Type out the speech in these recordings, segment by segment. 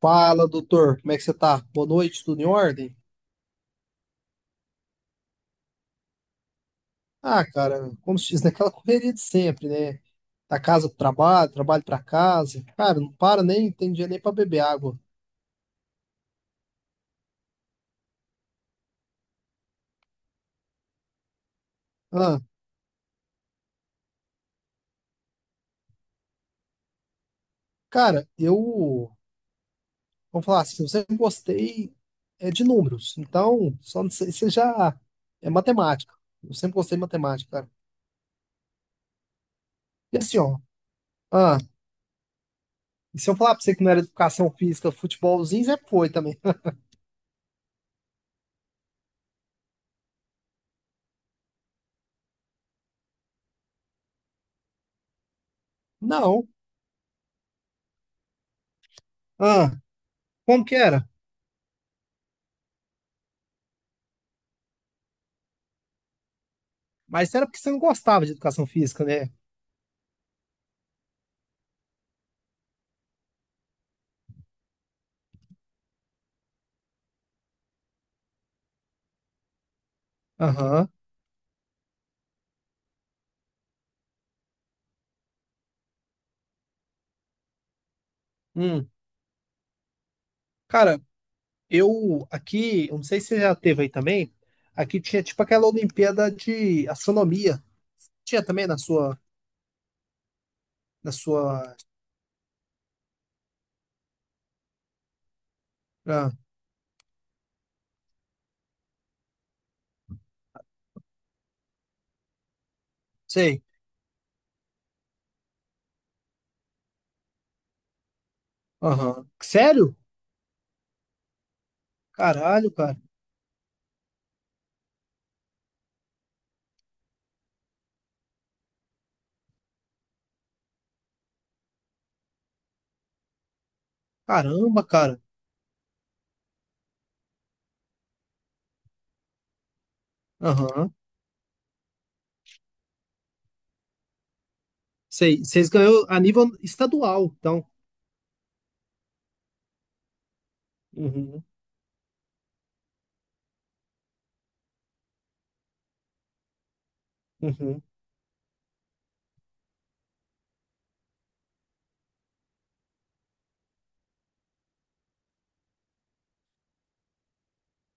Fala, doutor, como é que você tá? Boa noite, tudo em ordem? Cara, como se diz, naquela correria de sempre, né? Da casa pro trabalho, trabalho pra casa. Cara, não para nem, tem dia nem pra beber água. Ah, cara, eu, vamos falar assim, eu sempre gostei de números, então, só não sei, você já é matemática. Eu sempre gostei de matemática, cara. E assim, ó, ah, e se eu falar pra você que não era educação física, futebolzinho, sempre foi também. Não, ah, como que era? Mas era porque você não gostava de educação física, né? Aham. Hum. Cara, eu aqui, eu não sei se você já teve aí também, aqui tinha tipo aquela Olimpíada de astronomia. Tinha também na sua, na sua, ah, sei. Aham. Sério? Caralho, cara. Caramba, cara. Aham. Sei, vocês ganhou a nível estadual, então. Uhum. Uhum.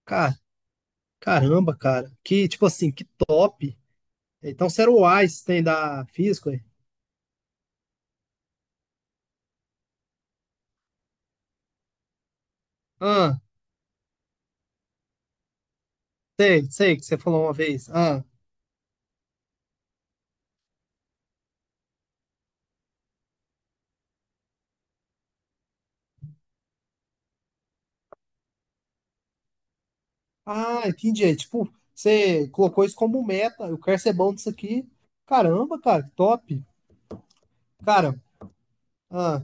Cara, caramba, cara. Que tipo assim, que top. Então você era o Einstein da física, hein? Sei, sei que você falou uma vez. Entendi. É, tipo, você colocou isso como meta. Eu quero ser bom nisso aqui. Caramba, cara, que top. Cara, ah,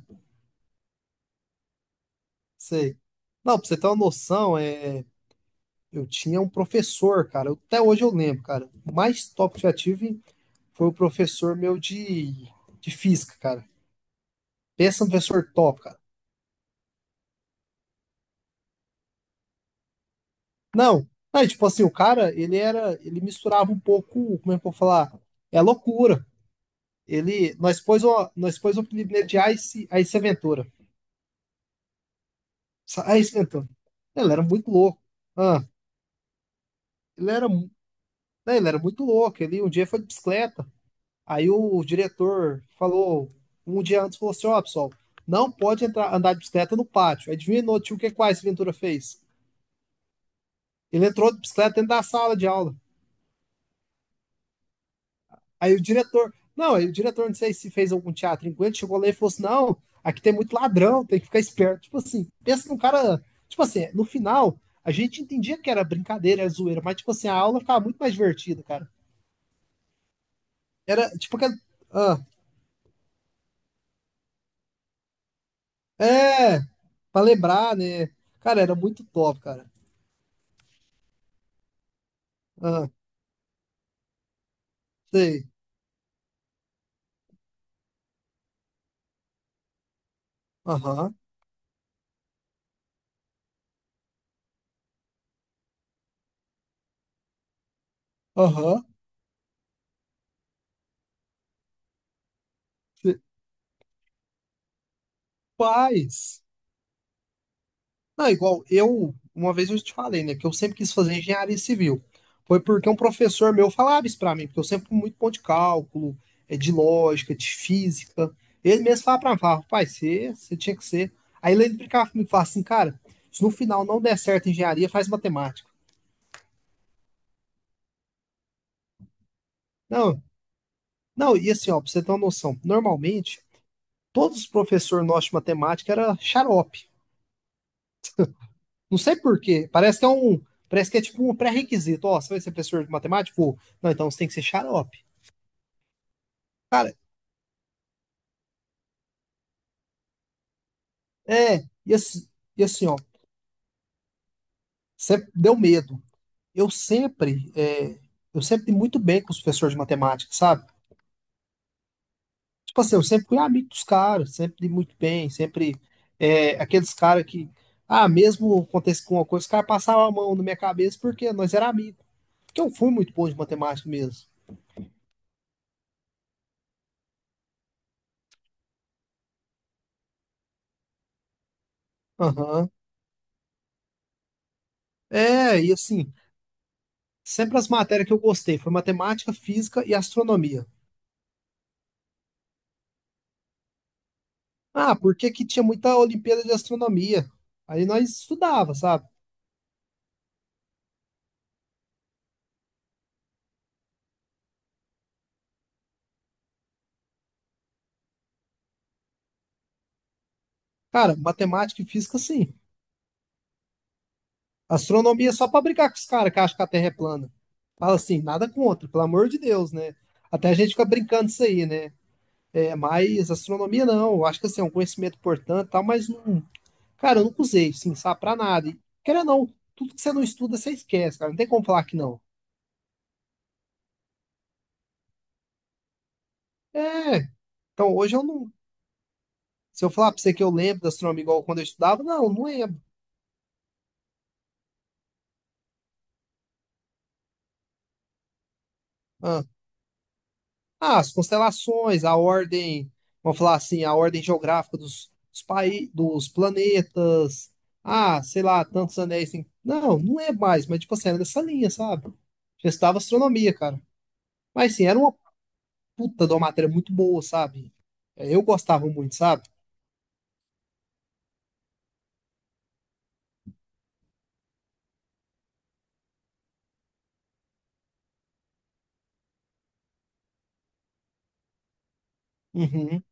sei. Não, pra você ter uma noção, eu tinha um professor, cara. Até hoje eu lembro, cara. O mais top que eu já tive foi o professor meu de física, cara. Pensa no professor top, cara. Não, não, tipo assim, o cara, ele era, ele misturava um pouco, como é que eu vou falar? É loucura. Ele, nós pôs o apelido de Ice, Ice Ventura. Ice Ventura. Ele era muito louco. Ah, ele era, né, ele era muito louco. Ele um dia foi de bicicleta. Aí o diretor falou, um dia antes, falou assim: Ó, pessoal, não pode entrar, andar de bicicleta no pátio. Adivinha, no tio, o que que o Ice Ventura fez? Ele entrou de bicicleta dentro da sala de aula. Aí o diretor, não sei se fez algum teatro enquanto ele chegou lá e falou assim: não, aqui tem muito ladrão, tem que ficar esperto. Tipo assim, pensa num cara. Tipo assim, no final, a gente entendia que era brincadeira, era zoeira, mas tipo assim, a aula ficava muito mais divertida, cara. Era tipo aquela. Ah, é, pra lembrar, né? Cara, era muito top, cara. Ah, sei. Aham, aham. Sei. Paz. Não, igual eu, uma vez eu te falei, né, que eu sempre quis fazer engenharia civil. Foi porque um professor meu falava isso pra mim, porque eu sempre fui muito bom de cálculo, de lógica, de física. Ele mesmo falava pra mim, falava, pai, você tinha que ser. Aí ele brincava comigo, falava assim, cara, se no final não der certo engenharia, faz matemática. Não, não, e assim, ó, pra você ter uma noção, normalmente, todos os professores nossos de matemática era xarope. Não sei por quê, parece que é um, parece que é tipo um pré-requisito, ó, você vai ser professor de matemática? Pô, não, então você tem que ser xarope. Cara, é, e assim, e assim, ó, sempre deu medo. Eu sempre, é, eu sempre dei muito bem com os professores de matemática, sabe? Tipo assim, eu sempre fui amigo dos caras, sempre dei muito bem, sempre, aqueles caras que, mesmo acontece com uma coisa, os caras passavam a mão na minha cabeça porque nós era amigos. Porque eu fui muito bom de matemática mesmo. Aham. É, e assim, sempre as matérias que eu gostei foi matemática, física e astronomia. Ah, porque que tinha muita Olimpíada de Astronomia? Aí nós estudava, sabe? Cara, matemática e física, sim. Astronomia é só pra brincar com os caras que acham que a Terra é plana. Fala assim, nada contra, pelo amor de Deus, né? Até a gente fica brincando disso aí, né? É, mas astronomia não. Eu acho que assim, é um conhecimento importante e tal, mas não. Cara, eu nunca usei, sim, sabe, pra nada. E, querendo ou não, tudo que você não estuda, você esquece, cara. Não tem como falar que não. É, então hoje eu não. Se eu falar pra você que eu lembro da astronomia igual quando eu estudava, não, não lembro. Ah, as constelações, a ordem, vamos falar assim, a ordem geográfica dos, dos, dos planetas. Ah, sei lá, tantos anéis. Não, não é mais, mas tipo assim, era nessa linha, sabe? Já estudava astronomia, cara. Mas sim, era uma puta de uma matéria muito boa, sabe? É, eu gostava muito, sabe? Uhum.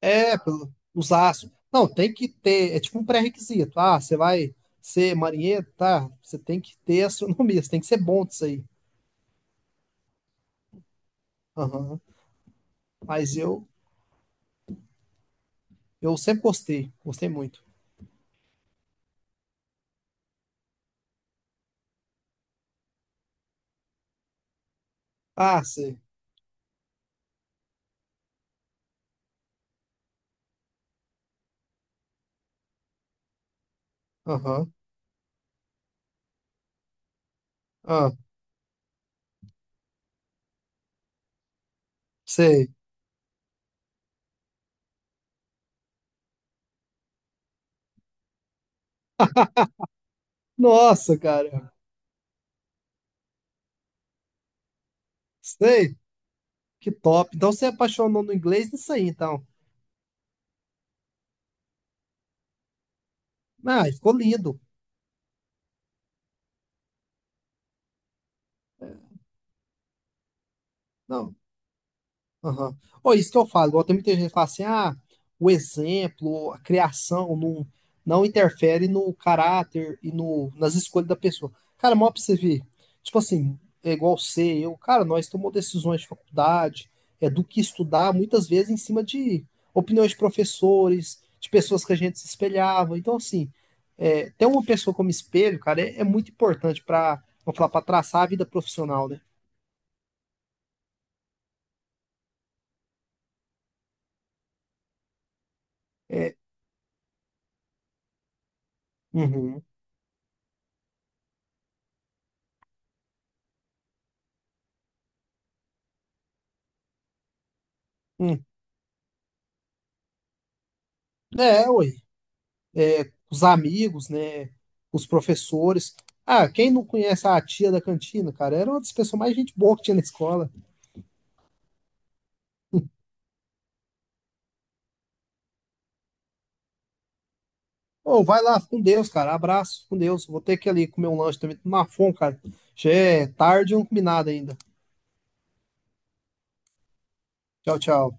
É, pelo, os astros. Não, tem que ter, é tipo um pré-requisito. Ah, você vai ser marinheiro, tá? Você tem que ter astronomia, você tem que ser bom disso aí. Aham. Mas eu. Eu sempre gostei, gostei muito. Ah, sei. Aham. Ah, sei. Nossa, cara. Sei. Que top. Então você apaixonou no inglês nisso aí, então. Ah, e ficou lindo. Não, aham. Ó, isso que eu falo, igual tem muita gente que fala assim, ah, o exemplo, a criação não, não interfere no caráter e no, nas escolhas da pessoa. Cara, mal pra você ver, tipo assim, é igual você, eu, cara, nós tomamos decisões de faculdade, é do que estudar, muitas vezes em cima de opiniões de professores, de pessoas que a gente se espelhava. Então, assim, ter uma pessoa como espelho, cara, é muito importante pra, vamos falar, pra traçar a vida profissional, né? É, uhum, hum. É, ué. É, os amigos, né? Os professores. Ah, quem não conhece a tia da cantina, cara? Era uma das pessoas mais gente boa que tinha na escola. Ô, vai lá, com Deus, cara. Abraço, com Deus. Vou ter que ir ali comer um lanche também. Tô na fome, cara. Já é tarde e não comi nada ainda. Tchau, tchau.